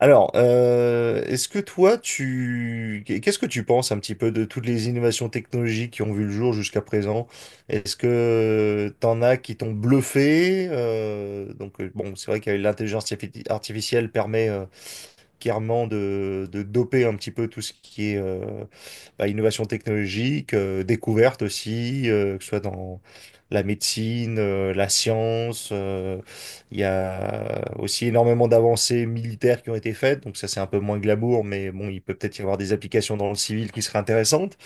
Alors, est-ce que qu'est-ce que tu penses un petit peu de toutes les innovations technologiques qui ont vu le jour jusqu'à présent? Est-ce que t'en as qui t'ont bluffé? Donc, bon, c'est vrai que l'intelligence artificielle permet clairement de doper un petit peu tout ce qui est bah, innovation technologique, découverte aussi, que ce soit dans la médecine, la science. Il y a aussi énormément d'avancées militaires qui ont été faites, donc ça c'est un peu moins glamour, mais bon, il peut peut-être y avoir des applications dans le civil qui seraient intéressantes.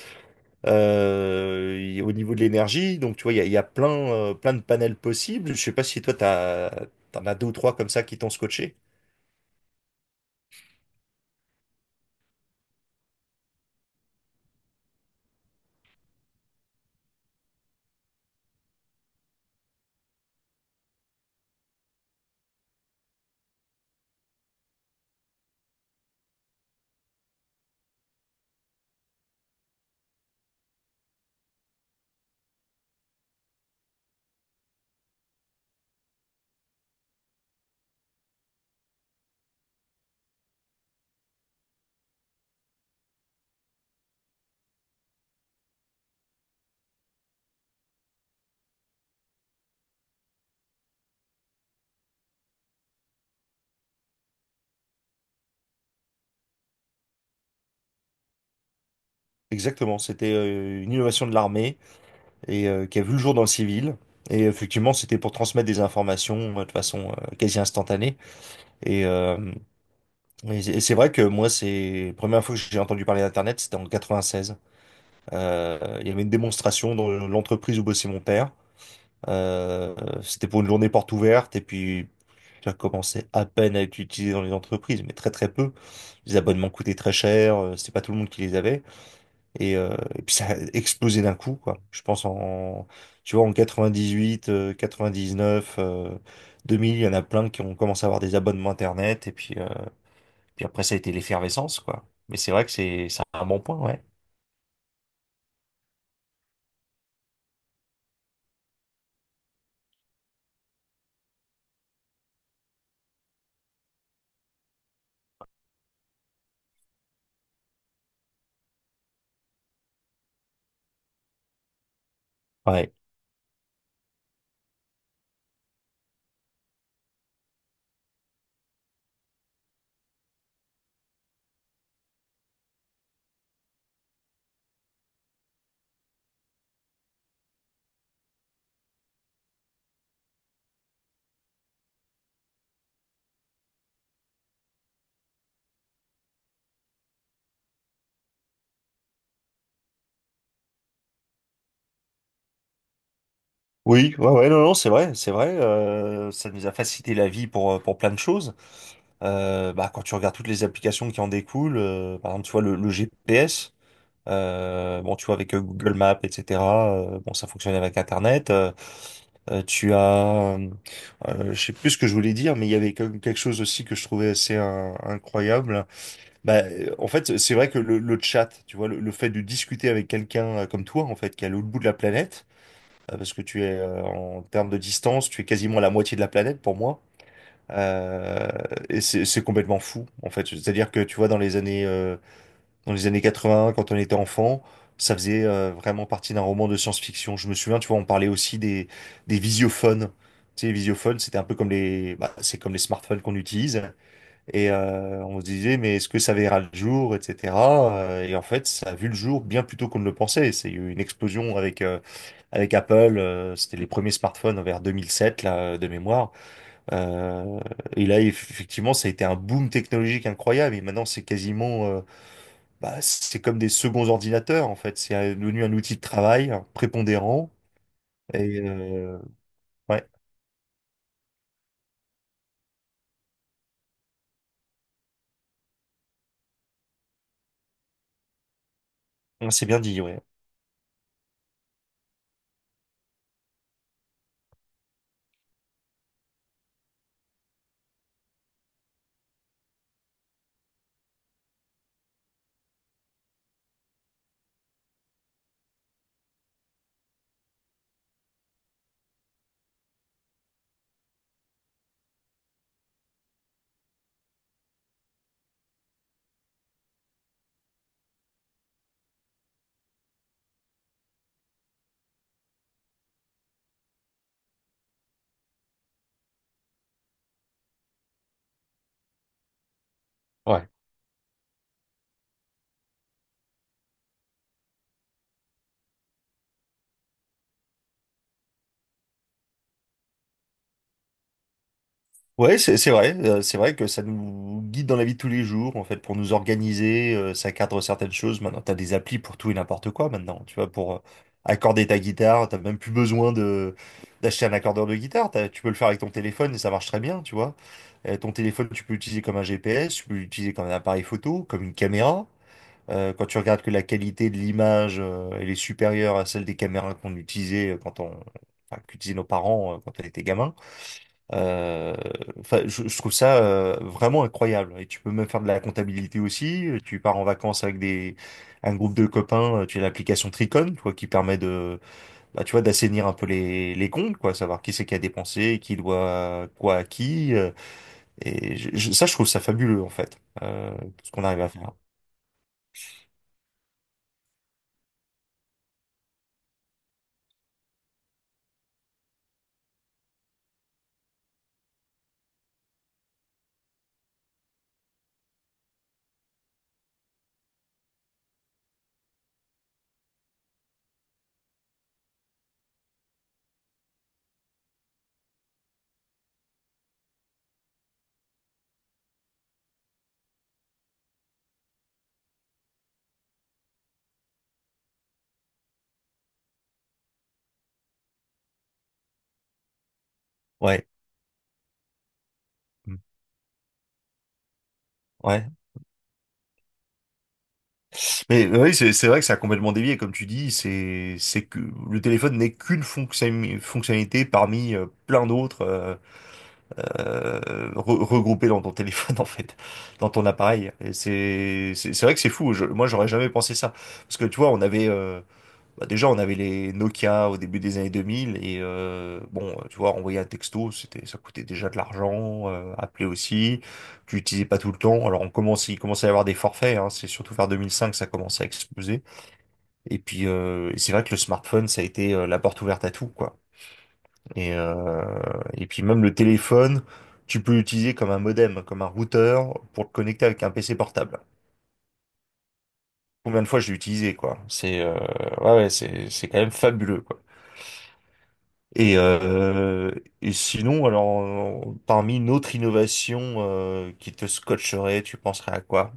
Et au niveau de l'énergie, donc tu vois, il y a plein, plein de panels possibles. Je sais pas si toi, t'en as deux ou trois comme ça qui t'ont scotché. Exactement, c'était une innovation de l'armée et qui a vu le jour dans le civil. Et effectivement, c'était pour transmettre des informations de façon quasi instantanée. Et, euh, et c'est vrai que moi, c'est la première fois que j'ai entendu parler d'Internet, c'était en 96. Il y avait une démonstration dans l'entreprise où bossait mon père. Euh, C'était pour une journée porte ouverte et puis ça commençait à peine à être utilisé dans les entreprises, mais très très peu. Les abonnements coûtaient très cher, c'était pas tout le monde qui les avait. Et puis ça a explosé d'un coup, quoi. Je pense tu vois, en 98, 99, 2000, il y en a plein qui ont commencé à avoir des abonnements Internet. Et puis après, ça a été l'effervescence, quoi. Mais c'est vrai que c'est un bon point, ouais. Ouais. Oui, ouais, ouais, non, non, c'est vrai, c'est vrai. Ça nous a facilité la vie pour plein de choses. Bah, quand tu regardes toutes les applications qui en découlent, par exemple, tu vois, le GPS. Bon, tu vois, avec Google Maps, etc. Bon, ça fonctionnait avec Internet. Euh, tu as, euh, je sais plus ce que je voulais dire, mais il y avait comme quelque chose aussi que je trouvais assez incroyable. Bah, en fait, c'est vrai que le chat, tu vois, le fait de discuter avec quelqu'un comme toi, en fait, qui est à l'autre bout de la planète, parce que tu es en termes de distance, tu es quasiment à la moitié de la planète pour moi. Euh, et c'est complètement fou, en fait. C'est-à-dire que tu vois, dans les années 80, quand on était enfant, ça faisait vraiment partie d'un roman de science-fiction. Je me souviens, tu vois, on parlait aussi des visiophones. Tu sais, les visiophones, c'était un peu bah, c'est comme les smartphones qu'on utilise. On se disait, mais est-ce que ça verra le jour, etc. Et en fait, ça a vu le jour bien plus tôt qu'on ne le pensait. C'est eu une explosion avec Apple. C'était les premiers smartphones vers 2007, là, de mémoire. Euh, et là, effectivement, ça a été un boom technologique incroyable. Et maintenant, c'est quasiment bah, c'est comme des seconds ordinateurs, en fait. C'est devenu un outil de travail hein, prépondérant. Et euh, ouais, ouais, c'est bien dit, ouais. Ouais, ouais, c'est vrai. C'est vrai que ça nous guide dans la vie de tous les jours, en fait, pour nous organiser. Ça cadre certaines choses. Maintenant, t'as des applis pour tout et n'importe quoi, maintenant. Tu vois, pour accorder ta guitare, t'as même plus besoin de d'acheter un accordeur de guitare. Tu peux le faire avec ton téléphone et ça marche très bien, tu vois. Ton téléphone, tu peux l'utiliser comme un GPS, tu peux l'utiliser comme un appareil photo, comme une caméra. Quand tu regardes que la qualité de l'image, elle est supérieure à celle des caméras qu'on utilisait enfin, qu'utilisaient nos parents quand on était gamin. Euh, enfin, je trouve ça vraiment incroyable. Et tu peux même faire de la comptabilité aussi. Tu pars en vacances avec un groupe de copains. Tu as l'application Tricon, tu vois, qui bah, tu vois, d'assainir un peu les comptes, quoi, savoir qui c'est qui a dépensé, qui doit quoi à qui. Ça, je trouve ça fabuleux en fait, tout ce qu'on arrive à faire. Ouais. Mm. Ouais. Mais oui, c'est vrai que ça a complètement dévié, comme tu dis, c'est que le téléphone n'est qu'une fonctionnalité parmi plein d'autres euh, regroupées dans ton téléphone en fait, dans ton appareil. Et c'est vrai que c'est fou. Moi, j'aurais jamais pensé ça parce que tu vois, on avait bah, déjà on avait les Nokia au début des années 2000 et bon, tu vois, envoyer un texto, c'était ça coûtait déjà de l'argent, appeler aussi tu l'utilisais pas tout le temps. Il commence à y avoir des forfaits, hein. C'est surtout vers 2005 que ça commençait à exploser. Et puis c'est vrai que le smartphone, ça a été la porte ouverte à tout, quoi. Et, euh, et puis même le téléphone, tu peux l'utiliser comme un modem, comme un routeur pour te connecter avec un PC portable. Combien de fois je l'ai utilisé, quoi. C'est Ouais, ouais, c'est quand même fabuleux, quoi. Et, euh, et sinon, alors, parmi une autre innovation qui te scotcherait, tu penserais à quoi?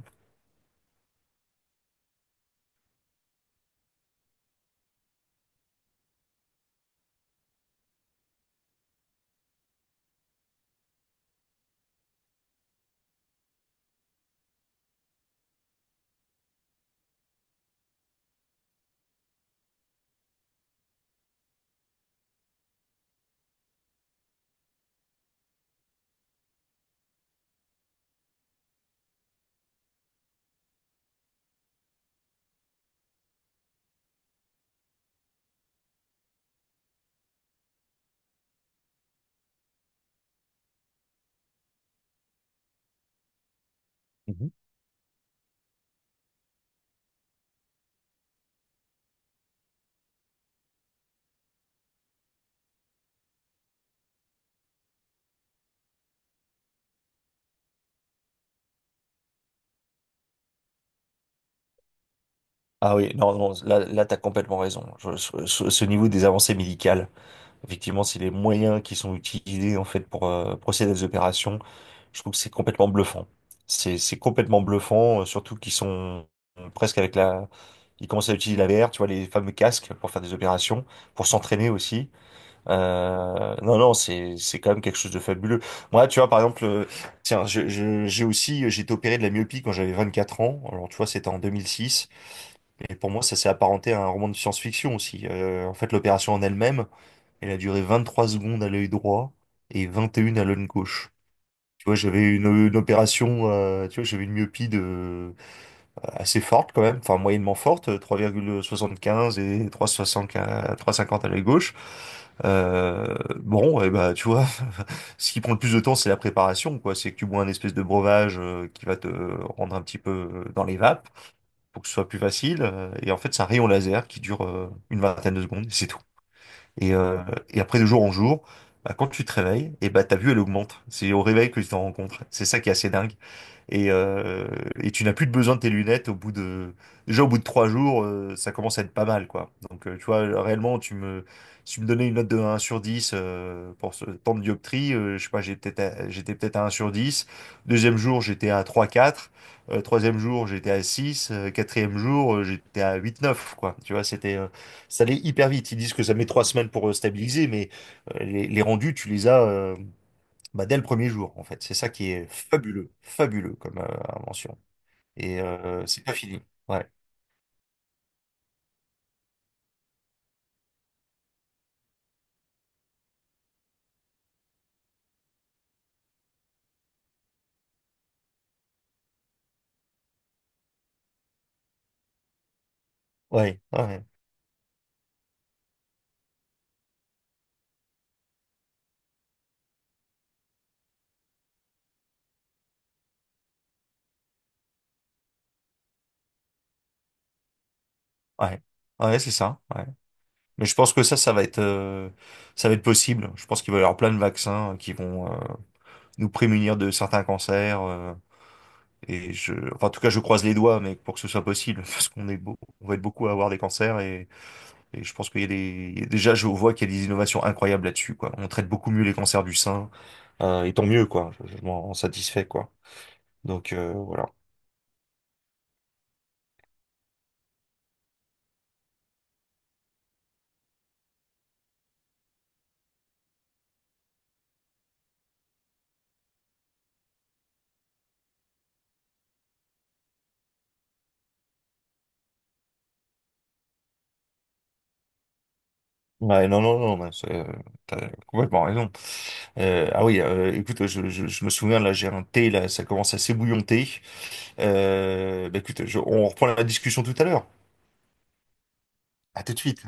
Mhm. Ah oui, non, non, là, là, t'as complètement raison. Ce niveau des avancées médicales. Effectivement, c'est les moyens qui sont utilisés en fait pour procéder à des opérations. Je trouve que c'est complètement bluffant. C'est complètement bluffant, surtout qu'ils sont presque avec la. Ils commencent à utiliser la VR, tu vois, les fameux casques pour faire des opérations, pour s'entraîner aussi. Non, non, c'est quand même quelque chose de fabuleux. Moi, tu vois, par exemple, tiens, j'ai aussi j'ai été opéré de la myopie quand j'avais 24 ans. Alors, tu vois, c'était en 2006. Et pour moi, ça s'est apparenté à un roman de science-fiction aussi. En fait, l'opération en elle-même. Elle a duré 23 secondes à l'œil droit et 21 à l'œil gauche. Tu vois, j'avais une opération, tu vois, j'avais une assez forte quand même, enfin moyennement forte, 3,75 et 3,75 3,50 à l'œil gauche. Bon, et bah, tu vois, ce qui prend le plus de temps, c'est la préparation, quoi. C'est que tu bois un espèce de breuvage qui va te rendre un petit peu dans les vapes pour que ce soit plus facile. Et en fait, c'est un rayon laser qui dure une vingtaine de secondes, et c'est tout. Et, euh, et après, de jour en jour, bah, quand tu te réveilles, et bah, ta vue, elle augmente. C'est au réveil que tu t'en rends compte. C'est ça qui est assez dingue. Et, euh, et tu n'as plus de besoin de tes lunettes au bout de... Déjà, au bout de 3 jours, ça commence à être pas mal, quoi. Donc, tu vois, réellement, si tu me donnais une note de 1 sur 10 pour ce temps de dioptrie, je sais pas, j'étais peut-être à 1 sur 10. Deuxième jour, j'étais à trois quatre. Troisième jour, j'étais à six. Quatrième jour, j'étais à huit neuf, quoi. Tu vois, ça allait hyper vite. Ils disent que ça met 3 semaines pour stabiliser, mais les rendus, tu les as. Bah, dès le premier jour, en fait. C'est ça qui est fabuleux, fabuleux comme invention. C'est pas fini. Ouais, ouais, ouais, ouais, ouais, Ouais, c'est ça. Ouais. Mais je pense que ça, ça va être possible. Je pense qu'il va y avoir plein de vaccins qui vont nous prémunir de certains cancers. Et enfin, en tout cas, je croise les doigts, mais pour que ce soit possible, parce qu'on est beau, on va être beaucoup à avoir des cancers et je pense qu'il y a déjà, je vois qu'il y a des innovations incroyables là-dessus, quoi. On traite beaucoup mieux les cancers du sein. Et tant mieux, quoi. Je m'en satisfais, quoi. Donc, voilà. Ouais, non, non, non, t'as complètement raison. Ah oui, écoute, je me souviens, là, j'ai un thé, là, ça commence à s'ébouillonter. Bah écoute, on reprend la discussion tout à l'heure. À tout de suite.